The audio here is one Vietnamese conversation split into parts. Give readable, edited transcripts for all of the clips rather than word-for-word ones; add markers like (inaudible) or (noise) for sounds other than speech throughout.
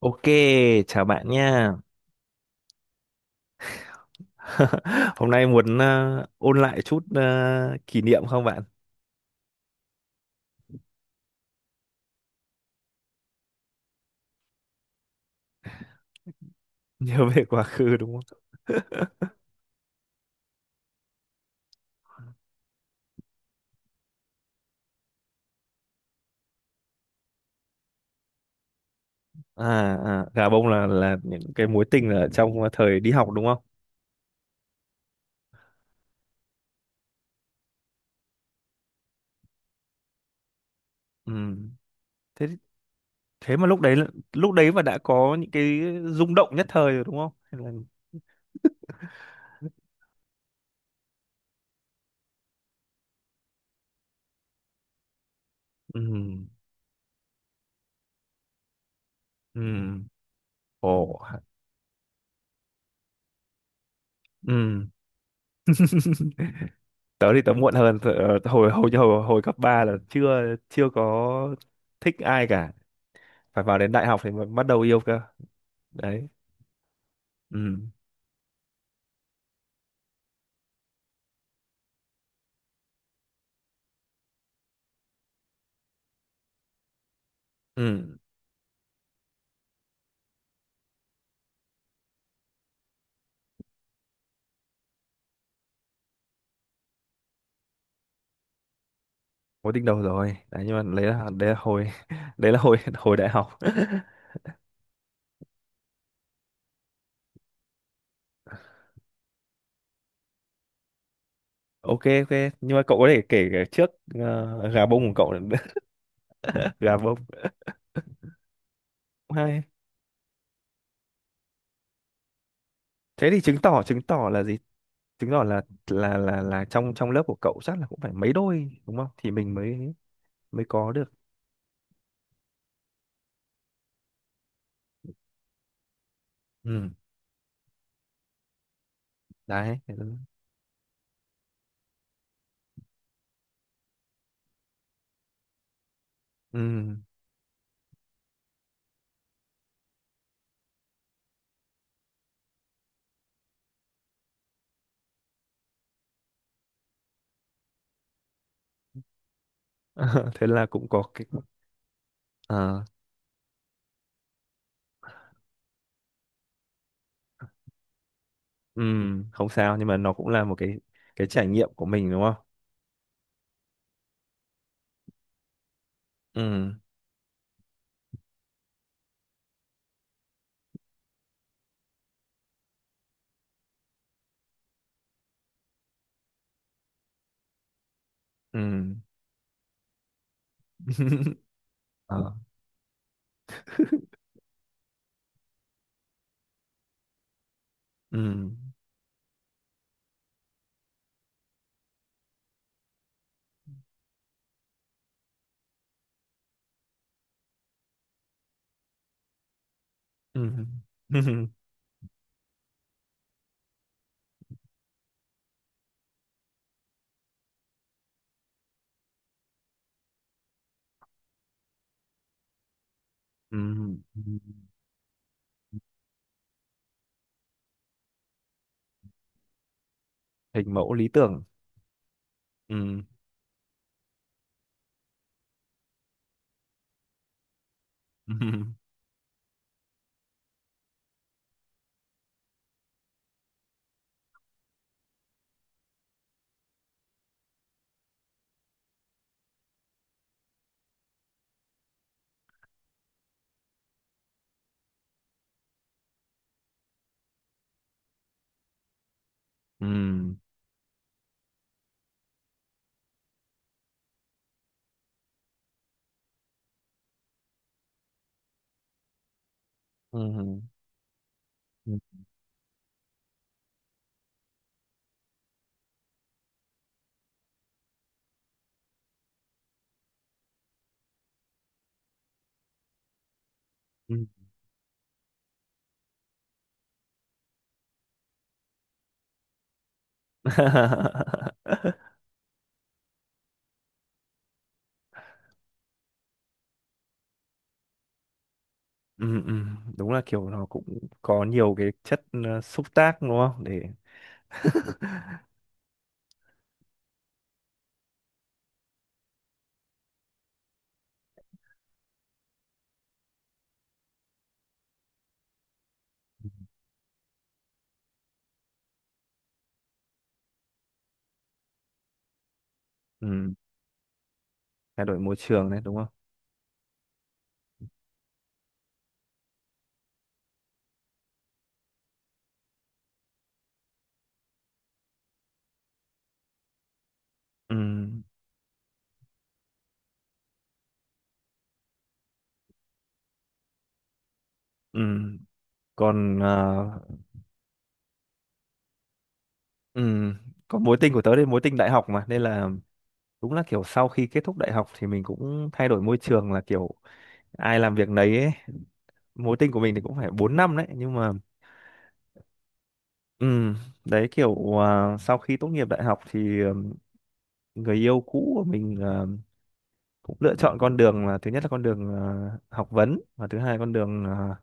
Ok, chào bạn nha. (laughs) Hôm nay muốn ôn lại chút kỷ niệm không bạn? (laughs) Nhớ về quá khứ đúng không? À, à, gà bông là những cái mối tình ở trong thời đi học đúng không? Ừ. Thế thế mà lúc đấy mà đã có những cái rung động nhất thời rồi đúng không? Hay là? Ừ. Ừ. Ồ. Ừ. Tớ thì tớ muộn hơn tớ, hồi hồi hồi hồi cấp 3 là chưa chưa có thích ai cả. Phải vào đến đại học thì mới bắt đầu yêu cơ. Đấy. Ừ. Ừ, có tiếng đầu rồi. Đấy, nhưng mà đấy là hồi (laughs) đấy là hồi (laughs) hồi đại học. (laughs) Ok, ok, nhưng mà cậu có thể kể cả trước gà bông của cậu nữa. (laughs) Gà bông hay. Thế thì chứng tỏ là gì? Chứng tỏ là trong trong lớp của cậu chắc là cũng phải mấy đôi đúng không? Thì mình mới mới có được. Ừ, đấy. Ừ. (laughs) Thế là cũng có cái ờ, ừ, không sao nhưng mà nó cũng là một cái trải nghiệm của mình đúng không? Ừ. Ừ. (laughs) Ờ, ừ. Ừ. (laughs) Ừ. Hình mẫu lý tưởng. Ừ. (laughs) Ừ. Ừ. Ừ. Ừ. Ừ. (laughs) Ừ. Ừ. Đúng là kiểu nó cũng có nhiều cái chất xúc tác đúng không? Để ừ. Thay đổi môi trường đấy đúng không? Ừ. Ừ. Còn ừ. Còn mối tình của tớ thì mối tình đại học mà, nên là đúng là kiểu sau khi kết thúc đại học thì mình cũng thay đổi môi trường là kiểu ai làm việc nấy ấy. Mối tình của mình thì cũng phải 4 năm đấy, nhưng mà ừ, đấy kiểu sau khi tốt nghiệp đại học thì người yêu cũ của mình cũng lựa chọn con đường là thứ nhất là con đường học vấn, và thứ hai con đường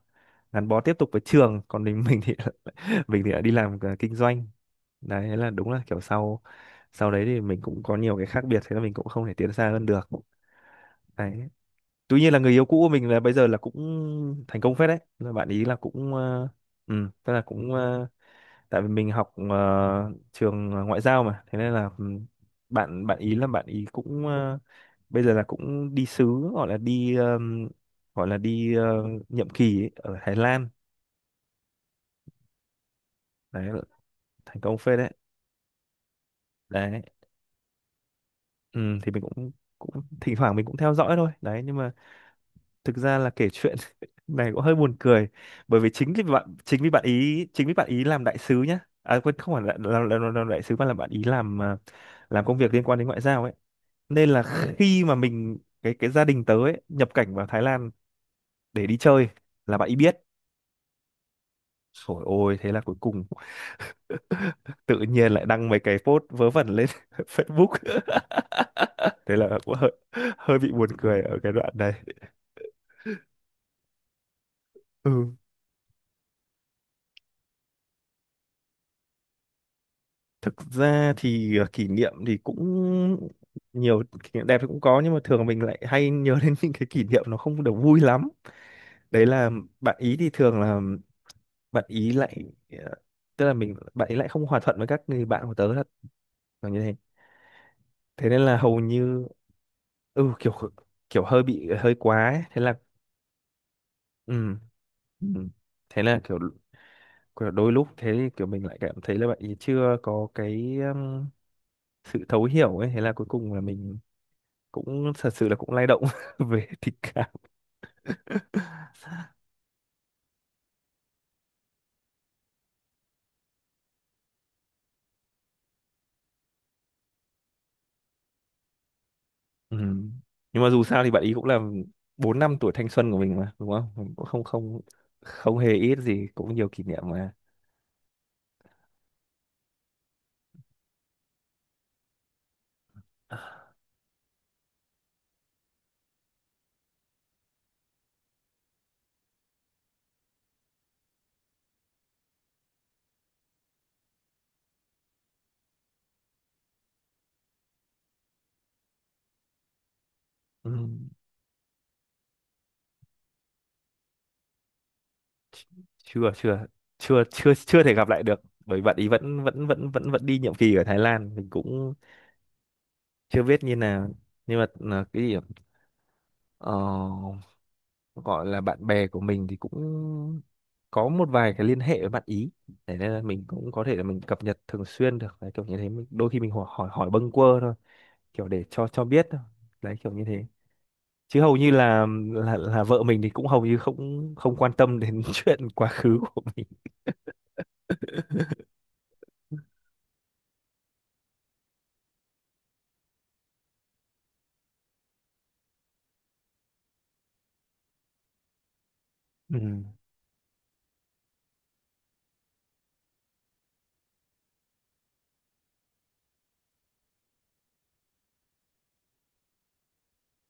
gắn bó tiếp tục với trường, còn mình thì (laughs) mình thì đã đi làm kinh doanh. Đấy, thế là đúng là kiểu sau sau đấy thì mình cũng có nhiều cái khác biệt, thế là mình cũng không thể tiến xa hơn được. Đấy, tuy nhiên là người yêu cũ của mình là bây giờ là cũng thành công phết đấy, là bạn ý là cũng ừ, tức là cũng tại vì mình học trường ngoại giao mà, thế nên là bạn bạn ý là bạn ý cũng bây giờ là cũng đi sứ, gọi là đi ờm, gọi là đi nhiệm kỳ ấy, ở Thái Lan. Đấy, thành công phết đấy. Đấy, ừm, thì mình cũng cũng thỉnh thoảng mình cũng theo dõi thôi đấy, nhưng mà thực ra là kể chuyện (laughs) này cũng hơi buồn cười, bởi vì chính vì bạn ý làm đại sứ nhá, à quên, không phải là làm đại sứ mà là bạn ý làm làm công việc liên quan đến ngoại giao ấy, nên là khi mà mình cái gia đình tớ ấy, nhập cảnh vào Thái Lan để đi chơi là bạn ý biết. Trời ôi, thế là cuối cùng tự nhiên lại đăng mấy cái post vớ vẩn lên (laughs) Facebook, thế là cũng hơi hơi bị buồn cười ở cái đoạn này. Ừ. Thực ra thì kỷ niệm thì cũng nhiều, kỷ niệm đẹp thì cũng có, nhưng mà thường mình lại hay nhớ đến những cái kỷ niệm nó không được vui lắm. Đấy là bạn ý thì thường là bạn ý lại ờ, tức là mình bạn ý lại không hòa thuận với các người bạn của tớ, là như thế. Thế nên là hầu như ừ, kiểu kiểu hơi bị hơi quá ấy. Thế là ừ, ừ. Thế là kiểu đôi lúc thế thì kiểu mình lại cảm thấy là bạn ấy chưa có cái sự thấu hiểu ấy, thế là cuối cùng là mình cũng thật sự là cũng lay động (laughs) về tình cảm. Ừ. Nhưng mà dù sao thì bạn ấy cũng là 4 năm tuổi thanh xuân của mình mà đúng không, cũng không không không hề ít gì, cũng nhiều kỷ niệm mà. Ừ. chưa chưa chưa chưa chưa thể gặp lại được, bởi bạn ý vẫn vẫn vẫn vẫn vẫn đi nhiệm kỳ ở Thái Lan, mình cũng chưa biết như nào. Nhưng mà là cái gì ạ? ờ, gọi là bạn bè của mình thì cũng có một vài cái liên hệ với bạn ý, để nên là mình cũng có thể là mình cập nhật thường xuyên được đấy, kiểu như thế mình, đôi khi mình hỏi hỏi hỏi bâng quơ thôi, kiểu để cho biết thôi. Đấy kiểu như thế, chứ hầu như là vợ mình thì cũng hầu như không không quan tâm đến (laughs) chuyện quá khứ của mình. (laughs) Ừ.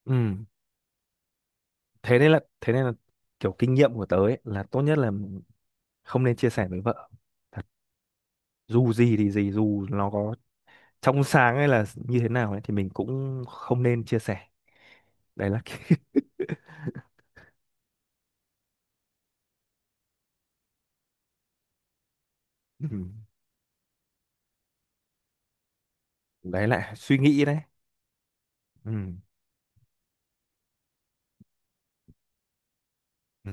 Ừ. Thế nên là kiểu kinh nghiệm của tớ ấy, là tốt nhất là không nên chia sẻ với vợ thật, dù gì thì gì, dù nó có trong sáng hay là như thế nào ấy thì mình cũng không nên chia sẻ. Đấy là (laughs) Ừ. Đấy là suy nghĩ đấy. Ừ. Ừ.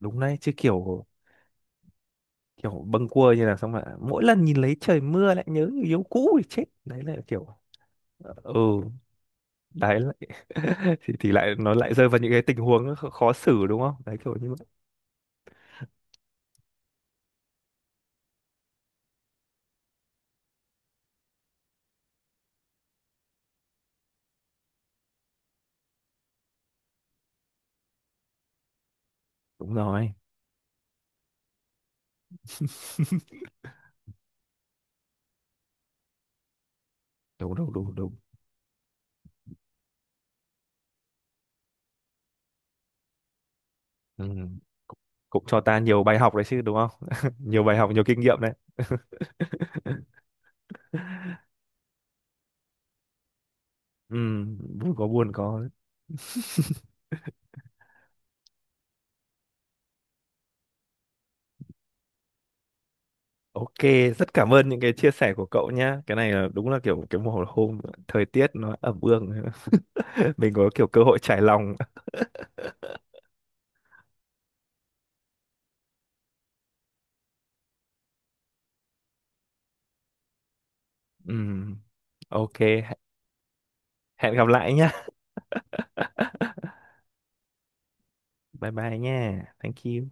Đúng đấy chứ, kiểu kiểu bâng quơ như là xong mà mỗi lần nhìn lấy trời mưa lại nhớ người yêu cũ thì chết. Đấy là kiểu ừ, đấy lại (laughs) thì lại nó lại rơi vào những cái tình huống khó xử đúng không, đấy kiểu như vậy. Đúng rồi. (laughs) Đúng, đúng, đúng, đúng. Ừ. cũng cũng cho ta nhiều bài học đấy chứ đúng không, (laughs) nhiều bài học, nhiều kinh nghiệm đấy. (laughs) Ừ. Vui có, buồn có. Ok, rất cảm ơn những cái chia sẻ của cậu nhá. Cái này là đúng là kiểu cái mùa hôm, thời tiết nó ẩm ương. (laughs) Mình có kiểu cơ hội trải lòng. Ừ. Ok, hẹn gặp lại nhá. Bye bye nha, thank you.